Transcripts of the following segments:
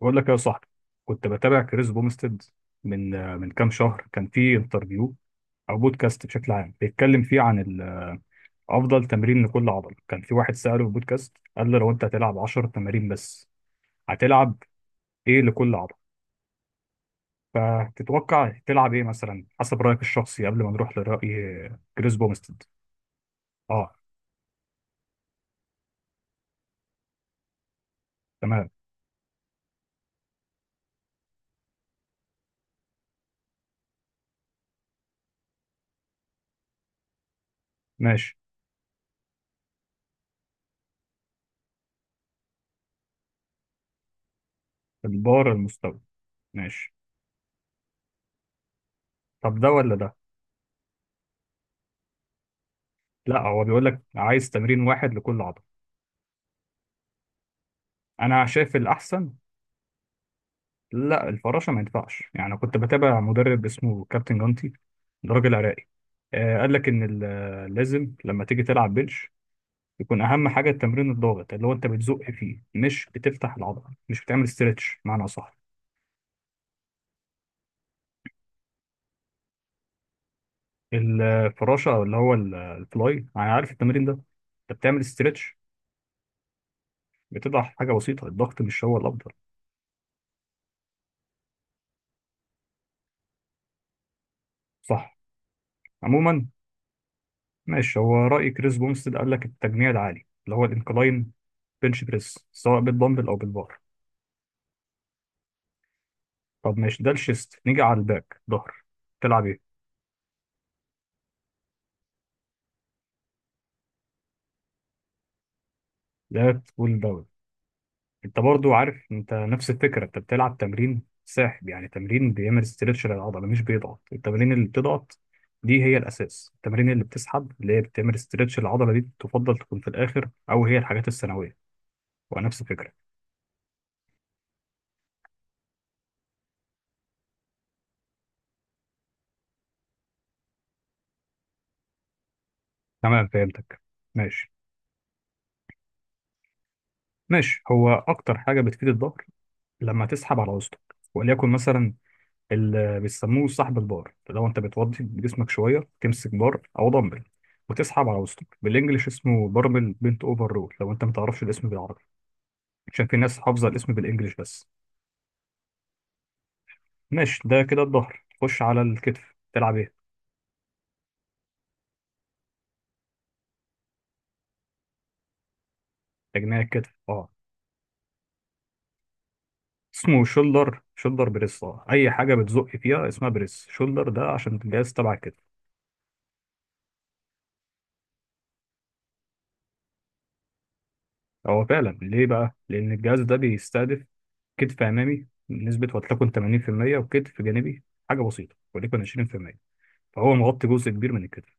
بقول لك يا صاحبي، كنت بتابع كريس بومستد من كام شهر. كان في انترفيو او بودكاست بشكل عام بيتكلم فيه عن افضل تمرين لكل عضله. كان في واحد ساله في البودكاست، قال له لو انت هتلعب 10 تمارين بس، هتلعب ايه لكل عضله؟ فتتوقع تلعب ايه مثلا حسب رايك الشخصي قبل ما نروح لراي كريس بومستد؟ اه، تمام، ماشي. البار المستوي، ماشي. طب ده ولا ده؟ لا، هو بيقول لك عايز تمرين واحد لكل عضله. انا شايف الاحسن. لا، الفراشه ما ينفعش. يعني كنت بتابع مدرب اسمه كابتن جانتي، ده راجل عراقي. آه، قال لك ان لازم لما تيجي تلعب بنش يكون اهم حاجه التمرين الضاغط، اللي هو انت بتزق فيه، مش بتفتح العضله، مش بتعمل استرتش. معنى اصح، الفراشه او اللي هو الفلاي، يعني عارف التمرين ده انت بتعمل استرتش، بتضع حاجه بسيطه. الضغط مش هو الافضل؟ صح، عموما. ماشي، هو راي كريس بومستد قال لك التجميع العالي اللي هو الانكلاين بنش بريس، سواء بالدمبل او بالبار. طب ماشي، ده الشيست. نيجي على الباك، ظهر، تلعب ايه؟ لات بول داون. انت برضو عارف، انت نفس الفكره، انت بتلعب تمرين ساحب، يعني تمرين بيعمل استرتش للعضله مش بيضغط. التمارين اللي بتضغط دي هي الاساس، التمارين اللي بتسحب اللي هي بتعمل استرتش للعضله دي تفضل تكون في الاخر، او هي الحاجات الثانويه. ونفس الفكره. تمام، فهمتك، ماشي. ماشي، هو اكتر حاجه بتفيد الظهر لما تسحب على وسطك، وليكن مثلا اللي بيسموه سحب البار. لو انت بتوضي جسمك شويه تمسك بار او دمبل وتسحب على وسطك، بالانجلش اسمه باربل بنت اوفر رول، لو انت ما تعرفش الاسم بالعربي، عشان في ناس حافظه الاسم بالانجلش بس. ماشي، ده كده الظهر. خش على الكتف، تلعب ايه؟ تجميع الكتف، اه، اسمه شولدر بريس. اه، اي حاجه بتزق فيها اسمها بريس. شولدر ده عشان الجهاز تبع الكتف. هو فعلا ليه بقى؟ لان الجهاز ده بيستهدف كتف امامي بنسبه ولتكن 80%، وكتف جانبي حاجه بسيطه وليكن 20%، فهو مغطي جزء كبير من الكتف.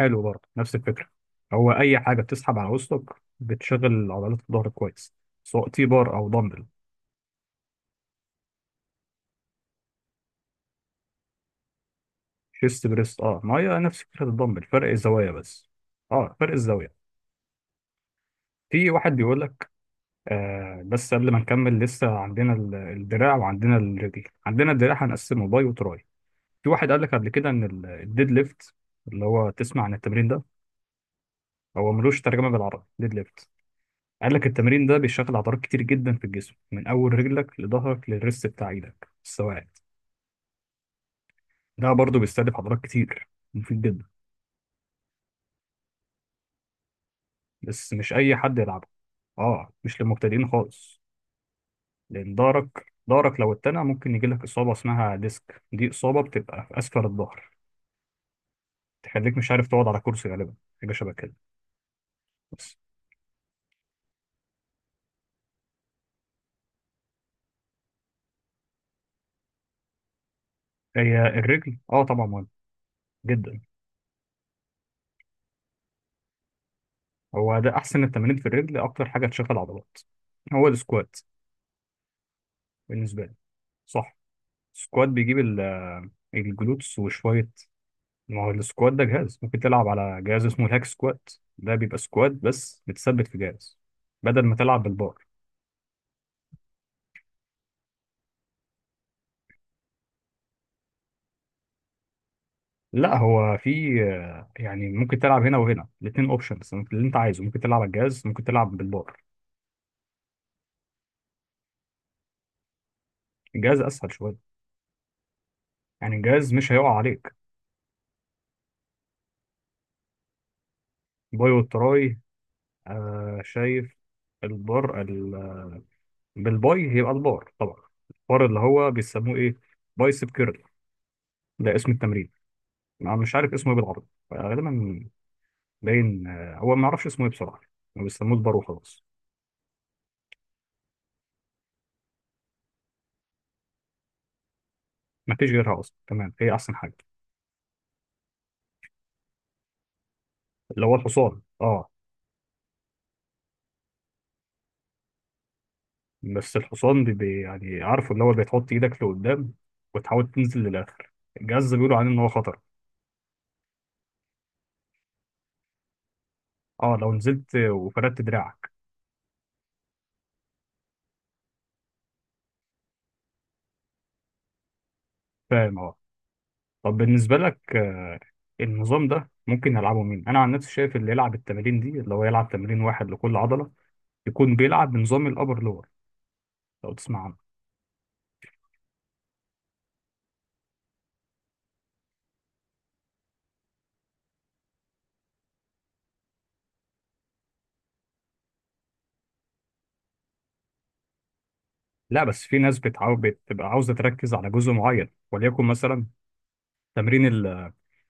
حلو، برضه نفس الفكرة. هو أي حاجة بتسحب على وسطك بتشغل عضلات الظهر كويس، سواء تي بار أو دمبل. شيست بريست، اه، ما هي نفس فكرة الدمبل، فرق الزوايا بس. اه، فرق الزاوية. في واحد بيقول لك، بس قبل ما نكمل لسه عندنا الدراع وعندنا الرجل. عندنا الدراع هنقسمه باي وتراي. في واحد قال لك قبل كده ان الديد ليفت، اللي هو تسمع عن التمرين ده، هو ملوش ترجمة بالعربي ديد ليفت. قال لك التمرين ده بيشغل عضلات كتير جدا في الجسم، من اول رجلك لظهرك للريست بتاع ايدك، السواعد. ده برضه بيستهدف عضلات كتير، مفيد جدا، بس مش اي حد يلعبه. اه، مش للمبتدئين خالص. لان ظهرك لو اتنع ممكن يجيلك اصابه اسمها ديسك. دي اصابه بتبقى في اسفل الظهر، تخليك مش عارف تقعد على كرسي غالبا، حاجه شبه كده. بس هي الرجل، اه، طبعا مهم جدا. هو ده احسن التمارين في الرجل، اكتر حاجه تشغل عضلات، هو السكوات، بالنسبه لي. صح. السكوات بيجيب الجلوتس وشوية. ما هو السكوات ده جهاز، ممكن تلعب على جهاز اسمه الهاك سكوات، ده بيبقى سكوات بس بتثبت في جهاز بدل ما تلعب بالبار. لا، هو في يعني ممكن تلعب هنا وهنا، الاتنين اوبشنز اللي انت عايزه. ممكن تلعب على الجهاز، ممكن تلعب بالبار. الجهاز اسهل شوية، يعني الجهاز مش هيقع عليك. باي والتراي، آه شايف، البار بالباي هيبقى البار طبعا. البار اللي هو بيسموه ايه، بايسب كيرل، ده اسم التمرين. انا مش عارف اسمه ايه بالعربي غالبا. باين هو ما اعرفش اسمه ايه بصراحه، ما بيسموه البر وخلاص. ما فيش غيرها اصلا، تمام، هي احسن حاجه. اللي هو الحصان، اه. بس الحصان يعني عارفه اللي هو بتحط ايدك لقدام وتحاول تنزل للاخر. الجهاز ده بيقولوا عليه ان هو خطر. اه، لو نزلت وفردت دراعك. فاهم، اه. طب بالنسبه لك، النظام ده ممكن يلعبه مين؟ انا عن نفسي شايف اللي يلعب التمارين دي، اللي هو يلعب تمرين واحد لكل عضله، يكون بيلعب بنظام الابر لور، لو تسمع عنه. لا، بس في ناس بتبقى عاوزه تركز على جزء معين، وليكن مثلا تمرين ال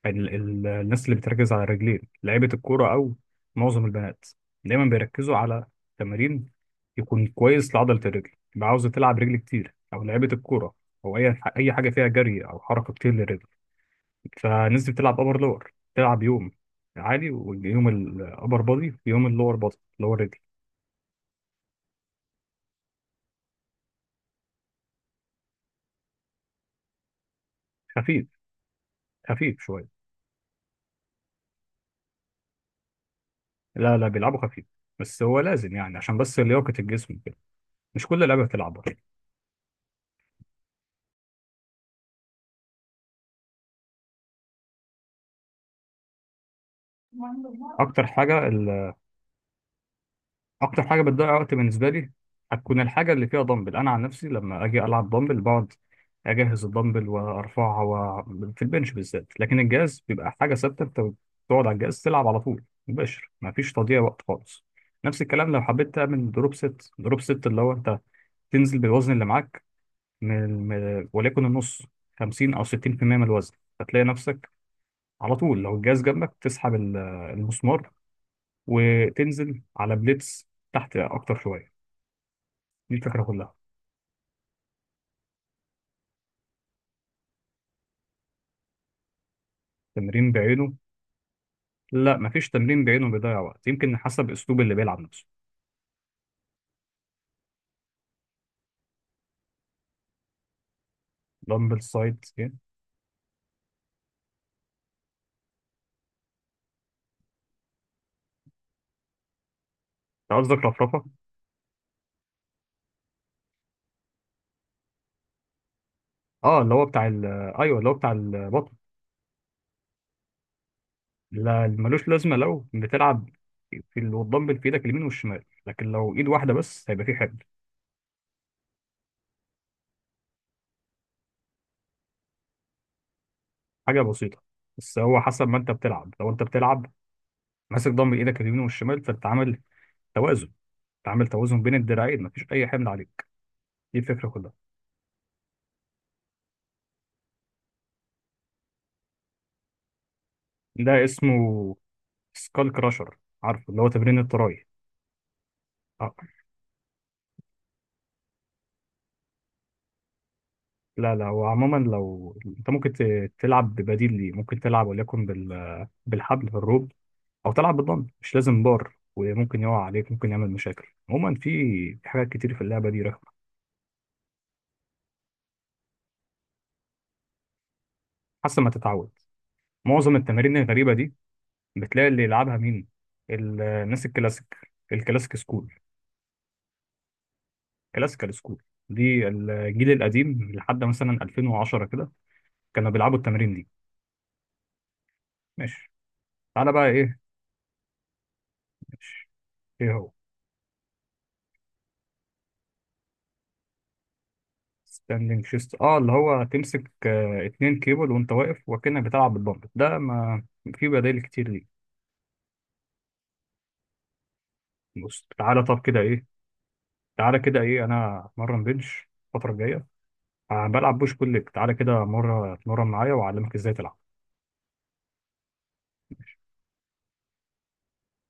ال ال الناس اللي بتركز على الرجلين، لعيبة الكورة أو معظم البنات دايما بيركزوا على تمرين يكون كويس لعضلة الرجل، يبقى عاوزة تلعب رجل كتير، أو لعيبة الكورة، أو أي حاجة فيها جري أو حركة كتير للرجل. فالناس دي بتلعب أبر لور، تلعب يوم عالي، ويوم الأبر بادي، ويوم اللور بادي اللي هو الرجل. خفيف، خفيف شوية. لا لا، بيلعبوا خفيف، بس هو لازم يعني عشان بس لياقة الجسم كده، مش كل اللعيبة بتلعبها. أكتر حاجة، اكتر حاجه بتضيع وقت بالنسبه لي هتكون الحاجه اللي فيها دمبل. انا عن نفسي لما اجي العب دمبل بقعد اجهز الدمبل وارفعها و... في البنش بالذات. لكن الجهاز بيبقى حاجه ثابته، انت بتقعد على الجهاز تلعب على طول مباشر، مفيش تضييع وقت خالص. نفس الكلام لو حبيت تعمل دروب ست. دروب ست اللي هو انت تنزل بالوزن اللي معاك وليكن النص، 50 او 60% من الوزن، هتلاقي نفسك على طول لو الجهاز جنبك تسحب المسمار وتنزل على بليتس تحت اكتر شويه. دي الفكرة كلها. تمرين بعينه؟ لا، مفيش تمرين بعينه بيضيع وقت، يمكن حسب اسلوب اللي بيلعب نفسه. دمبل سايد، يعني انت قصدك رفرفة؟ اه، اللي هو بتاع ال، ايوه اللي هو بتاع البطن. لا، ملوش لازمة، لو بتلعب في والدمبل في ايدك اليمين والشمال، لكن لو ايد واحدة بس هيبقى في حمل. حاجة بسيطة، بس هو حسب ما انت بتلعب، لو انت بتلعب ماسك دمبل ايدك اليمين والشمال، فانت عامل توازن. انت عامل توازن بين الدراعين، مفيش اي حمل عليك. دي الفكرة كلها. ده اسمه سكال كراشر، عارفه اللي هو تمرين التراي. آه. لا لا، وعموما لو انت ممكن تلعب ببديل ليه، ممكن تلعب وليكن بالحبل بالروب، او تلعب بالضم، مش لازم بار، وممكن يقع عليك، ممكن يعمل مشاكل عموما في. في حاجات كتير في اللعبه دي رخمه، حسب ما تتعود. معظم التمارين الغريبه دي بتلاقي اللي يلعبها مين؟ الناس الكلاسيك، الكلاسيك سكول، كلاسيكال سكول، دي الجيل القديم لحد مثلا 2010 كده كانوا بيلعبوا التمارين دي. ماشي، تعالى بقى ايه. ماشي، ايه هو؟ ستاندنج شيست، اه اللي هو تمسك اتنين كيبل وانت واقف وكأنك بتلعب بالدمبل ده. ما في بدائل كتير ليه. بص، تعالى طب كده ايه. تعالى كده ايه، انا اتمرن بنش الفترة الجاية، بلعب بوش بول ليج. تعالى كده مرة اتمرن معايا واعلمك ازاي تلعب.